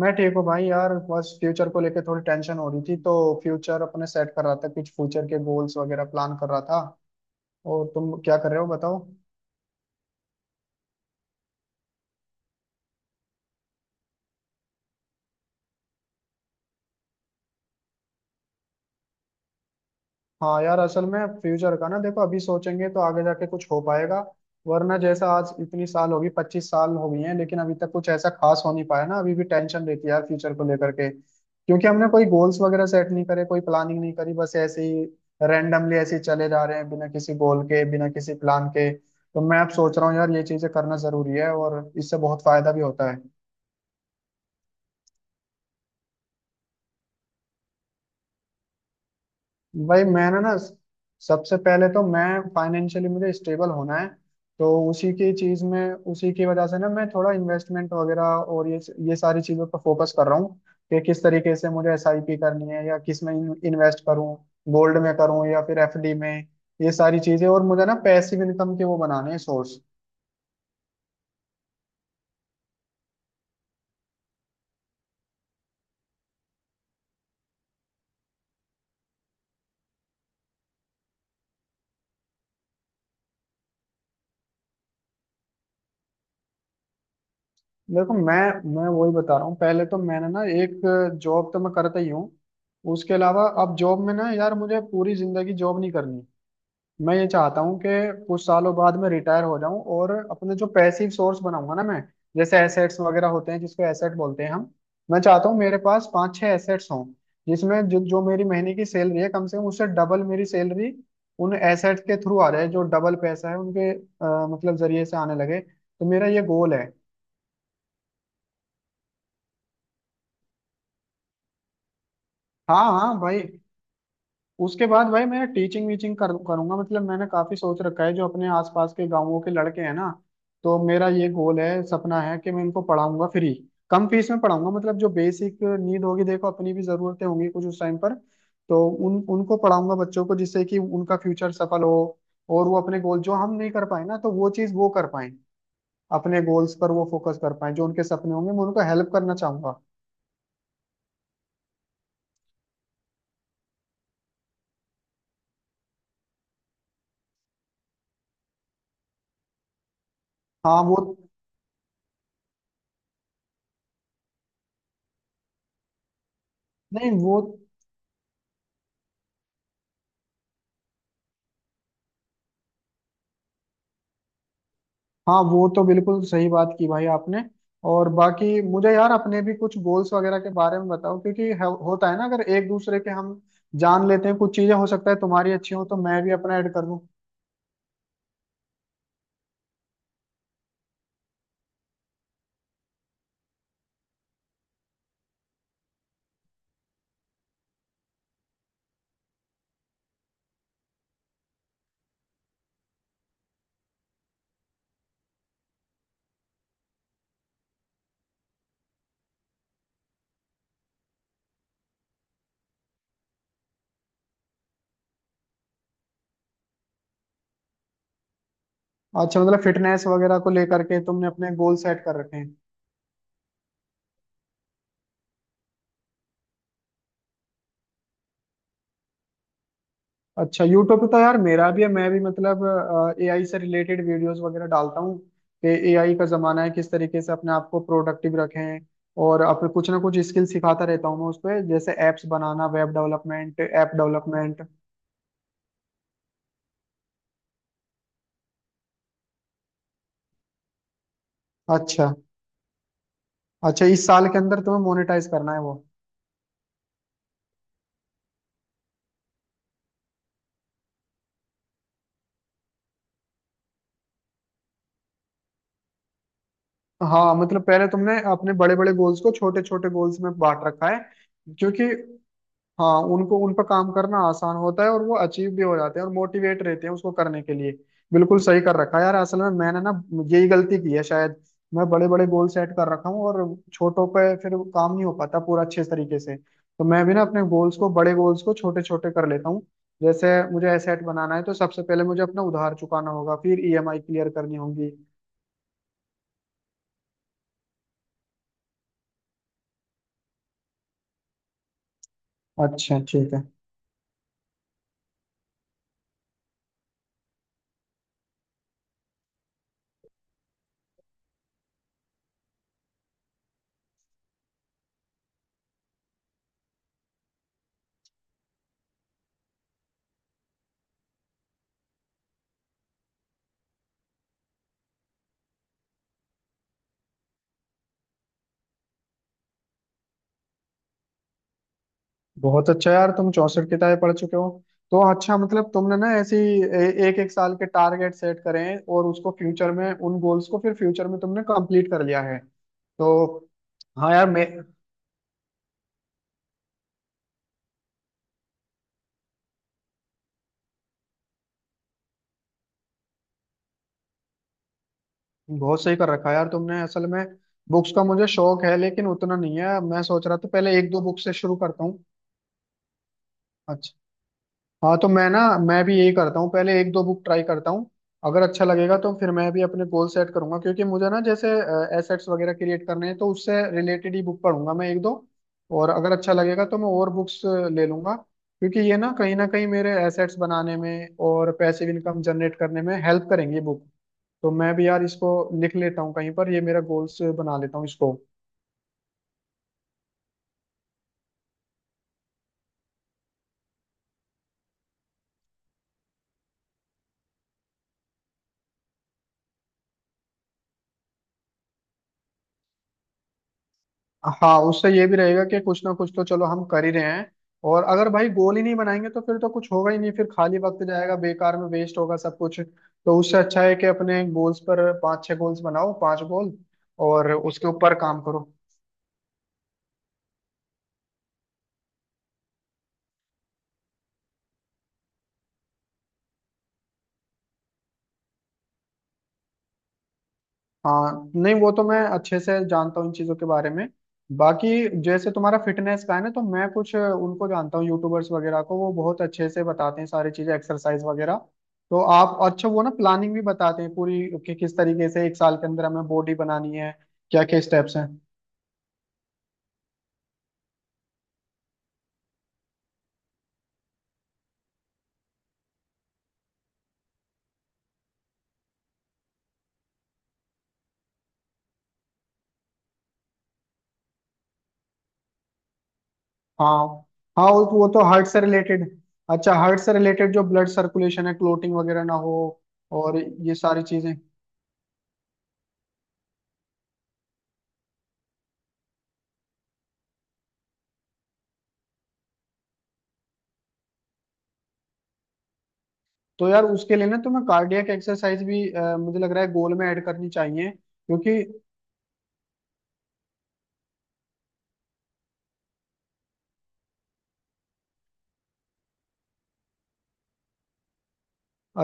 मैं ठीक हूँ भाई यार। बस फ्यूचर को लेके थोड़ी टेंशन हो रही थी, तो फ्यूचर अपने सेट कर रहा था, कुछ फ्यूचर के गोल्स वगैरह प्लान कर रहा था। और तुम क्या कर रहे हो बताओ। हाँ यार, असल में फ्यूचर का ना, देखो अभी सोचेंगे तो आगे जाके कुछ हो पाएगा, वरना जैसा आज इतनी साल होगी, 25 साल हो गई हैं, लेकिन अभी तक कुछ ऐसा खास हो नहीं पाया ना। अभी भी टेंशन रहती है यार फ्यूचर को लेकर के, क्योंकि हमने कोई गोल्स वगैरह सेट नहीं करे, कोई प्लानिंग नहीं करी, बस ऐसे ही रैंडमली ऐसे ही चले जा रहे हैं बिना किसी गोल के, बिना किसी प्लान के। तो मैं अब सोच रहा हूँ यार ये चीजें करना जरूरी है, और इससे बहुत फायदा भी होता है। भाई मैंने ना, सबसे पहले तो मैं, फाइनेंशियली मुझे स्टेबल होना है। तो उसी की चीज में, उसी की वजह से ना, मैं थोड़ा इन्वेस्टमेंट वगैरह और ये सारी चीजों पर फोकस कर रहा हूँ कि किस तरीके से मुझे एसआईपी करनी है, या किस में इन्वेस्ट करूँ, गोल्ड में करूँ या फिर एफडी में। ये सारी चीजें, और मुझे ना पैसिव इनकम के वो बनाने हैं सोर्स। देखो मैं वही बता रहा हूँ, पहले तो मैंने ना एक, जॉब तो मैं करता ही हूँ। उसके अलावा अब जॉब में ना यार, मुझे पूरी जिंदगी जॉब नहीं करनी। मैं ये चाहता हूँ कि कुछ सालों बाद मैं रिटायर हो जाऊं, और अपने जो पैसिव सोर्स बनाऊंगा ना मैं, जैसे एसेट्स वगैरह होते हैं, जिसको एसेट बोलते हैं हम। मैं चाहता हूँ मेरे पास पांच छह एसेट्स हों, जिसमें जो मेरी महीने की सैलरी है, कम से कम उससे डबल मेरी सैलरी उन एसेट्स के थ्रू आ जाए, जो डबल पैसा है उनके मतलब जरिए से आने लगे, तो मेरा ये गोल है। हाँ हाँ भाई, उसके बाद भाई मैं टीचिंग वीचिंग करूंगा मतलब मैंने काफी सोच रखा है, जो अपने आसपास के गांवों के लड़के हैं ना, तो मेरा ये गोल है, सपना है कि मैं इनको पढ़ाऊंगा फ्री, कम फीस में पढ़ाऊंगा, मतलब जो बेसिक नीड होगी। देखो अपनी भी जरूरतें होंगी कुछ उस टाइम पर, तो उन उनको पढ़ाऊंगा बच्चों को, जिससे कि उनका फ्यूचर सफल हो, और वो अपने गोल जो हम नहीं कर पाए ना, तो वो चीज वो कर पाए, अपने गोल्स पर वो फोकस कर पाए, जो उनके सपने होंगे मैं उनको हेल्प करना चाहूंगा। हाँ वो नहीं वो हाँ वो तो बिल्कुल सही बात की भाई आपने। और बाकी मुझे यार अपने भी कुछ गोल्स वगैरह के बारे में बताओ, क्योंकि होता है ना अगर एक दूसरे के हम जान लेते हैं कुछ चीजें, हो सकता है तुम्हारी अच्छी हो तो मैं भी अपना ऐड कर दूं। अच्छा मतलब फिटनेस वगैरह को लेकर के तुमने अपने गोल सेट कर रखे हैं। अच्छा यूट्यूब पे तो यार मेरा भी है, मैं भी मतलब एआई से रिलेटेड वीडियोस वगैरह डालता हूँ, कि एआई का जमाना है, किस तरीके से अपने आप को प्रोडक्टिव रखें, और अपने कुछ ना कुछ स्किल सिखाता रहता हूँ मैं उस पे, जैसे एप्स बनाना, वेब डेवलपमेंट, ऐप डेवलपमेंट। अच्छा अच्छा, इस साल के अंदर तुम्हें मोनेटाइज करना है वो। हाँ मतलब पहले तुमने अपने बड़े बड़े गोल्स को छोटे छोटे गोल्स में बांट रखा है, क्योंकि हाँ उनको, उन पर काम करना आसान होता है और वो अचीव भी हो जाते हैं और मोटिवेट रहते हैं उसको करने के लिए। बिल्कुल सही कर रखा है यार, असल में मैंने ना यही गलती की है शायद। मैं बड़े बड़े गोल सेट कर रखा हूँ और छोटों पे फिर काम नहीं हो पाता पूरा अच्छे तरीके से, तो मैं भी ना अपने गोल्स को, बड़े गोल्स को छोटे छोटे कर लेता हूँ। जैसे मुझे एसेट बनाना है, तो सबसे पहले मुझे अपना उधार चुकाना होगा, फिर ईएमआई क्लियर करनी होगी। अच्छा ठीक है। बहुत अच्छा यार, तुम 64 किताबें पढ़ चुके हो। तो अच्छा मतलब तुमने ना ऐसी एक एक साल के टारगेट सेट करे हैं, और उसको फ्यूचर में, उन गोल्स को फिर फ्यूचर में तुमने कंप्लीट कर लिया है। तो, हाँ यार मैं। बहुत सही कर रखा है यार तुमने असल में। बुक्स का मुझे शौक है लेकिन उतना नहीं है, मैं सोच रहा था पहले एक दो बुक से शुरू करता हूँ। अच्छा। हाँ तो मैं ना, मैं भी यही करता हूँ, पहले एक दो बुक ट्राई करता हूँ, अगर अच्छा लगेगा तो फिर मैं भी अपने गोल सेट करूंगा, क्योंकि मुझे ना जैसे एसेट्स वगैरह क्रिएट करने हैं, तो उससे रिलेटेड ही बुक पढ़ूंगा मैं एक दो। और अगर अच्छा लगेगा तो मैं और बुक्स ले लूंगा, क्योंकि ये ना कहीं मेरे एसेट्स बनाने में और पैसिव इनकम जनरेट करने में हेल्प करेंगे बुक। तो मैं भी यार इसको लिख लेता हूँ कहीं पर, ये मेरा गोल्स बना लेता हूँ इसको। हाँ उससे ये भी रहेगा कि कुछ ना कुछ तो चलो हम कर ही रहे हैं। और अगर भाई गोल ही नहीं बनाएंगे, तो फिर तो कुछ होगा ही नहीं, फिर खाली वक्त जाएगा, बेकार में वेस्ट होगा सब कुछ। तो उससे अच्छा है कि अपने गोल्स पर, पांच छह गोल्स बनाओ, पांच गोल, और उसके ऊपर काम करो। हाँ नहीं वो तो मैं अच्छे से जानता हूँ इन चीज़ों के बारे में। बाकी जैसे तुम्हारा फिटनेस का है ना, तो मैं कुछ उनको जानता हूँ यूट्यूबर्स वगैरह को, वो बहुत अच्छे से बताते हैं सारी चीज़ें, एक्सरसाइज वगैरह, तो आप, अच्छा वो ना प्लानिंग भी बताते हैं पूरी, कि किस तरीके से एक साल के अंदर हमें बॉडी बनानी है, क्या क्या स्टेप्स हैं। हाँ हाँ, वो तो हार्ट से रिलेटेड। अच्छा हार्ट से रिलेटेड, जो ब्लड सर्कुलेशन है, क्लोटिंग वगैरह ना हो, और ये सारी चीज़ें। तो यार उसके लिए ना तुम्हें कार्डियक एक्सरसाइज भी, मुझे लग रहा है गोल में ऐड करनी चाहिए, क्योंकि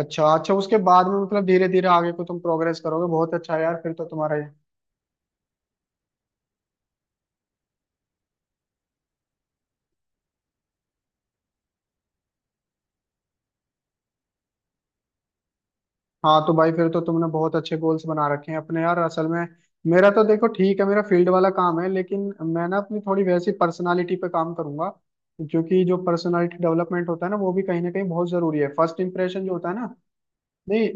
अच्छा अच्छा, उसके बाद में मतलब धीरे धीरे आगे को तुम प्रोग्रेस करोगे, बहुत अच्छा यार, फिर तो तुम्हारा हाँ तो भाई फिर तो तुमने बहुत अच्छे गोल्स बना रखे हैं अपने यार असल में। मेरा तो देखो ठीक है, मेरा फील्ड वाला काम है, लेकिन मैं ना अपनी थोड़ी वैसी पर्सनालिटी पे काम करूंगा, क्योंकि जो पर्सनालिटी डेवलपमेंट होता है ना, वो भी कहीं ना कहीं बहुत जरूरी है, फर्स्ट इंप्रेशन जो होता है ना, नहीं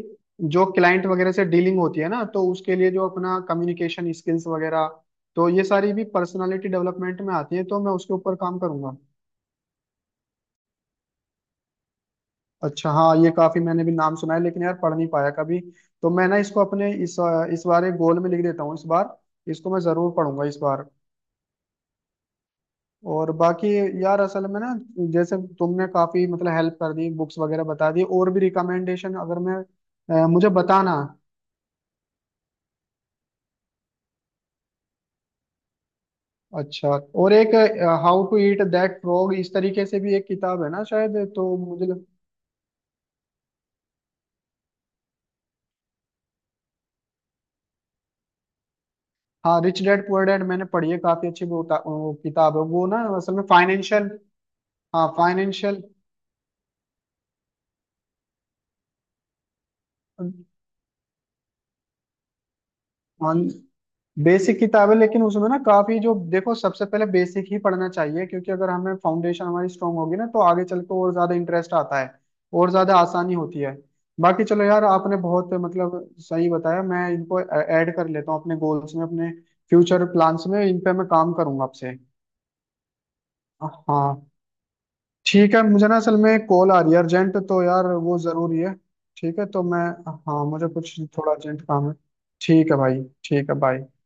जो क्लाइंट वगैरह से डीलिंग होती है ना, तो उसके लिए जो अपना कम्युनिकेशन स्किल्स वगैरह, तो ये सारी भी पर्सनालिटी डेवलपमेंट में आती है, तो मैं उसके ऊपर काम करूंगा। अच्छा हाँ, ये काफी मैंने भी नाम सुना है लेकिन यार पढ़ नहीं पाया कभी, तो मैं ना इसको अपने इस बार एक गोल में लिख देता हूँ इस बार, इसको मैं जरूर पढ़ूंगा इस बार। और बाकी यार असल में ना, जैसे तुमने काफी मतलब हेल्प कर दी बुक्स वगैरह बता दी, और भी रिकमेंडेशन अगर मैं, मुझे बताना। अच्छा, और एक how to eat that frog इस तरीके से भी एक किताब है ना शायद, तो मुझे हाँ रिच डैड पुअर डैड मैंने पढ़ी है काफी अच्छी, वो किताब है वो ना, असल में फाइनेंशियल। हाँ फाइनेंशियल बेसिक किताब है, लेकिन उसमें ना काफी जो, देखो सबसे पहले बेसिक ही पढ़ना चाहिए क्योंकि अगर हमें फाउंडेशन हमारी स्ट्रांग होगी ना, तो आगे चल के और ज्यादा इंटरेस्ट आता है और ज्यादा आसानी होती है। बाकी चलो यार, आपने बहुत मतलब सही बताया, मैं इनको ऐड कर लेता हूँ अपने गोल्स में, अपने फ्यूचर प्लान्स में, इन पे मैं काम करूंगा आपसे। हाँ ठीक है, मुझे ना असल में कॉल आ रही है अर्जेंट, तो यार वो जरूरी है। ठीक है तो मैं, हाँ मुझे कुछ थोड़ा अर्जेंट काम है। ठीक है भाई, ठीक है बाय।